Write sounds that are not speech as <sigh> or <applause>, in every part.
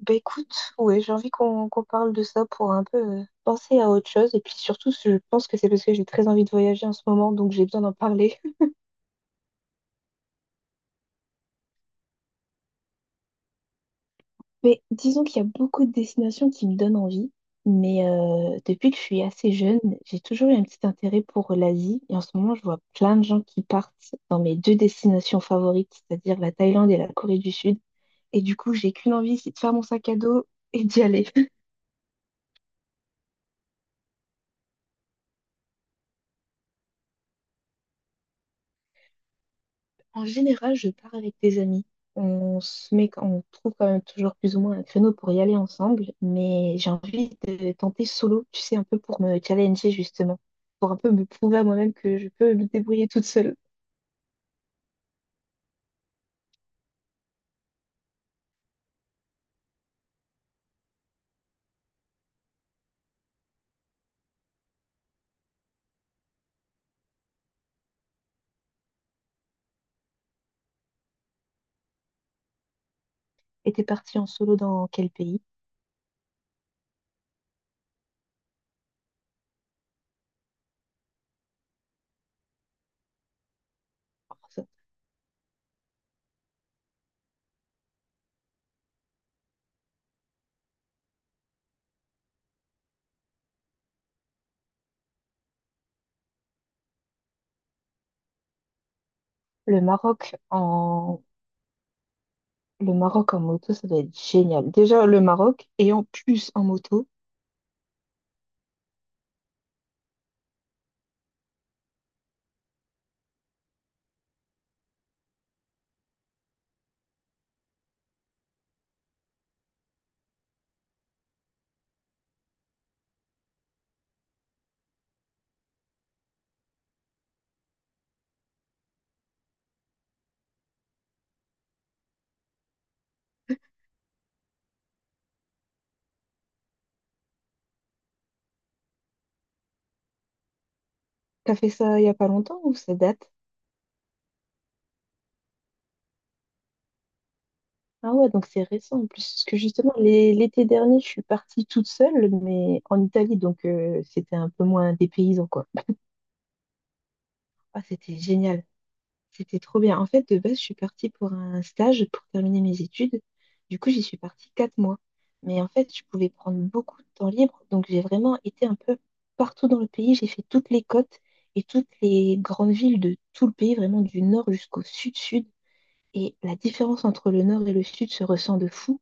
Bah écoute, ouais, j'ai envie qu'on parle de ça pour un peu penser à autre chose. Et puis surtout, je pense que c'est parce que j'ai très envie de voyager en ce moment, donc j'ai besoin d'en parler. <laughs> Mais disons qu'il y a beaucoup de destinations qui me donnent envie. Mais depuis que je suis assez jeune, j'ai toujours eu un petit intérêt pour l'Asie. Et en ce moment, je vois plein de gens qui partent dans mes deux destinations favorites, c'est-à-dire la Thaïlande et la Corée du Sud. Et du coup, j'ai qu'une envie, c'est de faire mon sac à dos et d'y aller. En général, je pars avec des amis. On se met, on trouve quand même toujours plus ou moins un créneau pour y aller ensemble, mais j'ai envie de tenter solo, tu sais, un peu pour me challenger justement, pour un peu me prouver à moi-même que je peux me débrouiller toute seule. Et t'es partie en solo dans quel pays? Le Maroc en le Maroc en moto, ça doit être génial. Déjà le Maroc et en plus en moto. T'as fait ça il y a pas longtemps ou ça date? Ah ouais, donc c'est récent en plus. Parce que justement, l'été dernier, je suis partie toute seule, mais en Italie, donc c'était un peu moins dépaysant, quoi. Ah, c'était génial. C'était trop bien. En fait, de base, je suis partie pour un stage pour terminer mes études. Du coup, j'y suis partie 4 mois. Mais en fait, je pouvais prendre beaucoup de temps libre. Donc, j'ai vraiment été un peu partout dans le pays. J'ai fait toutes les côtes et toutes les grandes villes de tout le pays, vraiment du nord jusqu'au sud-sud. Et la différence entre le nord et le sud se ressent de fou.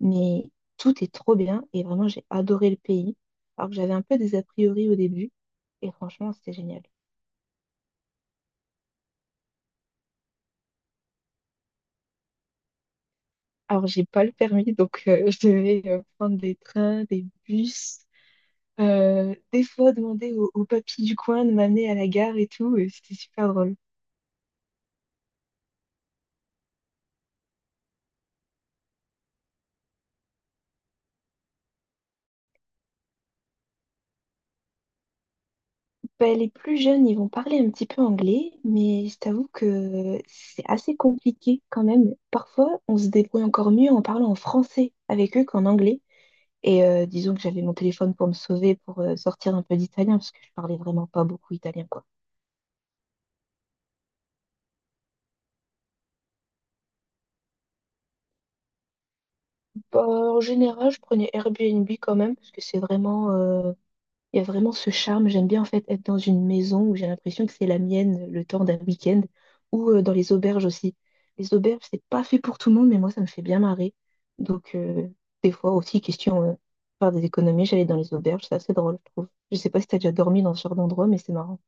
Mais tout est trop bien et vraiment, j'ai adoré le pays. Alors que j'avais un peu des a priori au début et franchement, c'était génial. Alors, j'ai pas le permis, donc <laughs> je devais prendre des trains, des bus, des fois demander au papy du coin de m'amener à la gare et tout. Et c'était super drôle. Ben, les plus jeunes, ils vont parler un petit peu anglais, mais je t'avoue que c'est assez compliqué quand même. Parfois, on se débrouille encore mieux en parlant en français avec eux qu'en anglais. Et disons que j'avais mon téléphone pour me sauver, pour sortir un peu d'italien, parce que je parlais vraiment pas beaucoup italien, quoi. Bah, en général, je prenais Airbnb quand même, parce que c'est vraiment, il y a vraiment ce charme. J'aime bien en fait être dans une maison où j'ai l'impression que c'est la mienne le temps d'un week-end, ou dans les auberges aussi. Les auberges, c'est pas fait pour tout le monde, mais moi, ça me fait bien marrer. Donc, des fois aussi, question, faire des économies, j'allais dans les auberges, c'est assez drôle, je trouve. Je sais pas si t'as déjà dormi dans ce genre d'endroit, mais c'est marrant.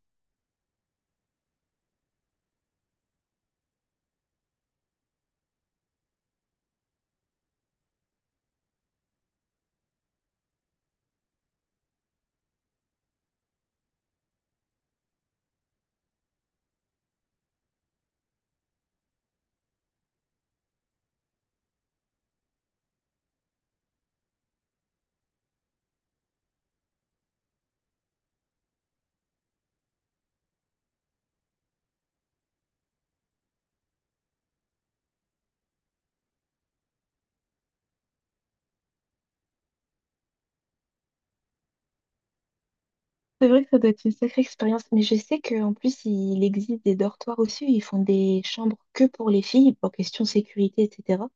C'est vrai que ça doit être une sacrée expérience, mais je sais qu'en plus, il existe des dortoirs aussi, où ils font des chambres que pour les filles, pour question sécurité, etc.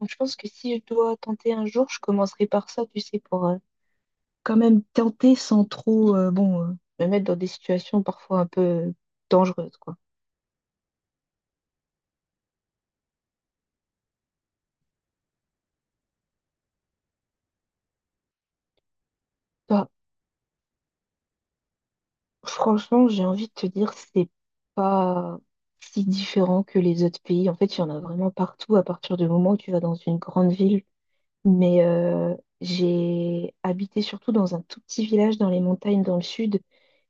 Donc je pense que si je dois tenter un jour, je commencerai par ça, tu sais, pour quand même tenter sans trop, bon, me mettre dans des situations parfois un peu dangereuses, quoi. Bah, franchement, j'ai envie de te dire, c'est pas si différent que les autres pays. En fait, il y en a vraiment partout à partir du moment où tu vas dans une grande ville. Mais j'ai habité surtout dans un tout petit village dans les montagnes dans le sud.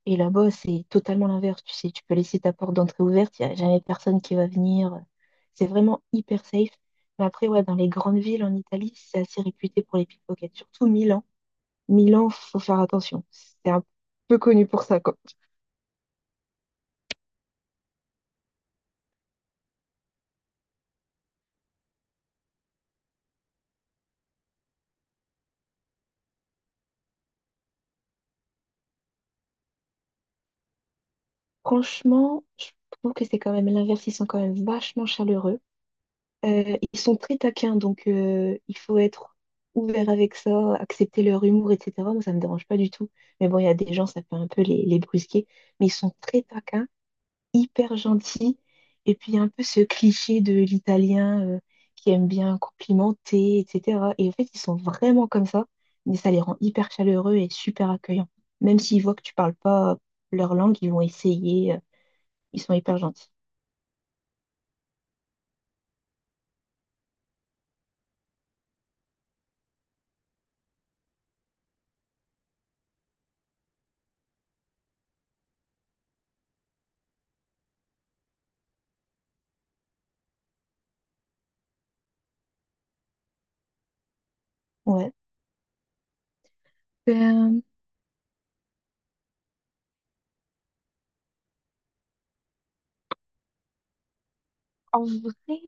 Et là-bas, c'est totalement l'inverse. Tu sais, tu peux laisser ta porte d'entrée ouverte, il n'y a jamais personne qui va venir. C'est vraiment hyper safe. Mais après, ouais, dans les grandes villes en Italie, c'est assez réputé pour les pickpockets, surtout Milan. Milan, faut faire attention. C'est un peu connu pour ça, quoi. Franchement, je trouve que c'est quand même l'inverse. Ils sont quand même vachement chaleureux. Ils sont très taquins, donc il faut être ouvert avec ça, accepter leur humour, etc. Moi, ça me dérange pas du tout. Mais bon, il y a des gens, ça peut un peu les brusquer. Mais ils sont très taquins, hyper gentils. Et puis, il y a un peu ce cliché de l'italien qui aime bien complimenter, etc. Et en fait, ils sont vraiment comme ça, mais ça les rend hyper chaleureux et super accueillants. Même s'ils voient que tu parles pas leur langue, ils vont essayer. Ils sont hyper gentils. Ouais. En vrai,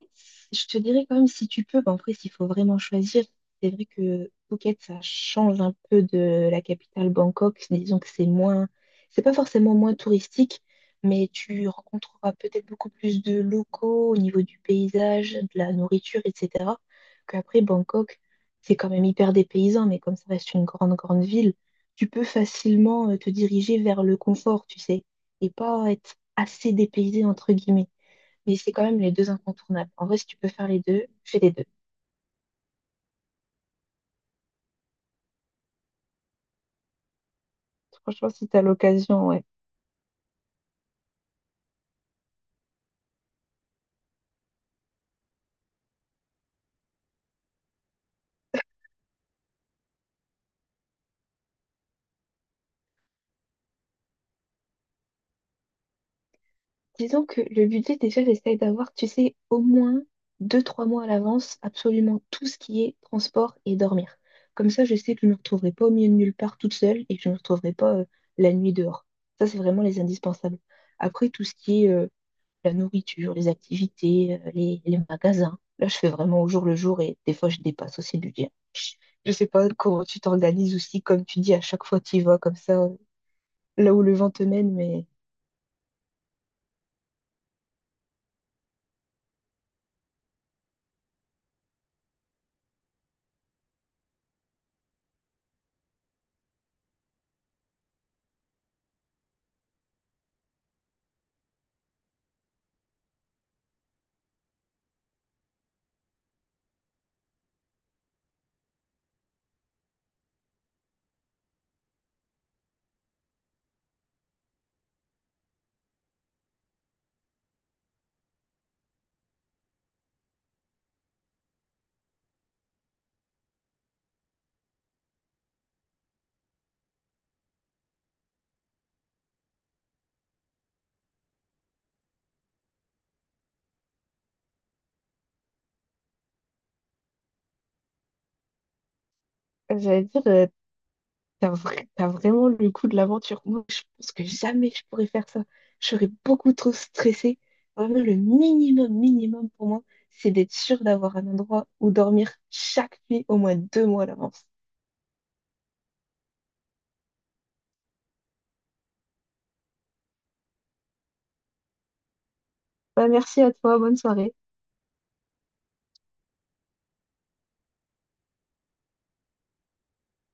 je te dirais quand même si tu peux, bah, en vrai, s'il faut vraiment choisir, c'est vrai que Phuket, ça change un peu de la capitale Bangkok. Disons que c'est moins, c'est pas forcément moins touristique, mais tu rencontreras peut-être beaucoup plus de locaux au niveau du paysage, de la nourriture, etc. Qu'après Bangkok, c'est quand même hyper dépaysant, mais comme ça reste une grande, grande ville, tu peux facilement te diriger vers le confort, tu sais, et pas être assez dépaysé, entre guillemets, mais c'est quand même les deux incontournables. En vrai, si tu peux faire les deux, fais les deux. Franchement, si t'as l'occasion, ouais. Disons que le budget, déjà, j'essaye d'avoir, tu sais, au moins 2, 3 mois à l'avance, absolument tout ce qui est transport et dormir. Comme ça, je sais que je ne me retrouverai pas au milieu de nulle part toute seule et que je ne me retrouverai pas la nuit dehors. Ça, c'est vraiment les indispensables. Après, tout ce qui est la nourriture, les activités, les magasins, là, je fais vraiment au jour le jour et des fois, je dépasse aussi le budget. Je sais pas comment tu t'organises aussi, comme tu dis, à chaque fois tu y vas comme ça, là où le vent te mène, mais j'allais dire, t'as vraiment le coup de l'aventure. Moi, je pense que jamais je pourrais faire ça. Je serais beaucoup trop stressée. Vraiment, le minimum, minimum pour moi, c'est d'être sûre d'avoir un endroit où dormir chaque nuit au moins 2 mois à l'avance. Bah, merci à toi, bonne soirée.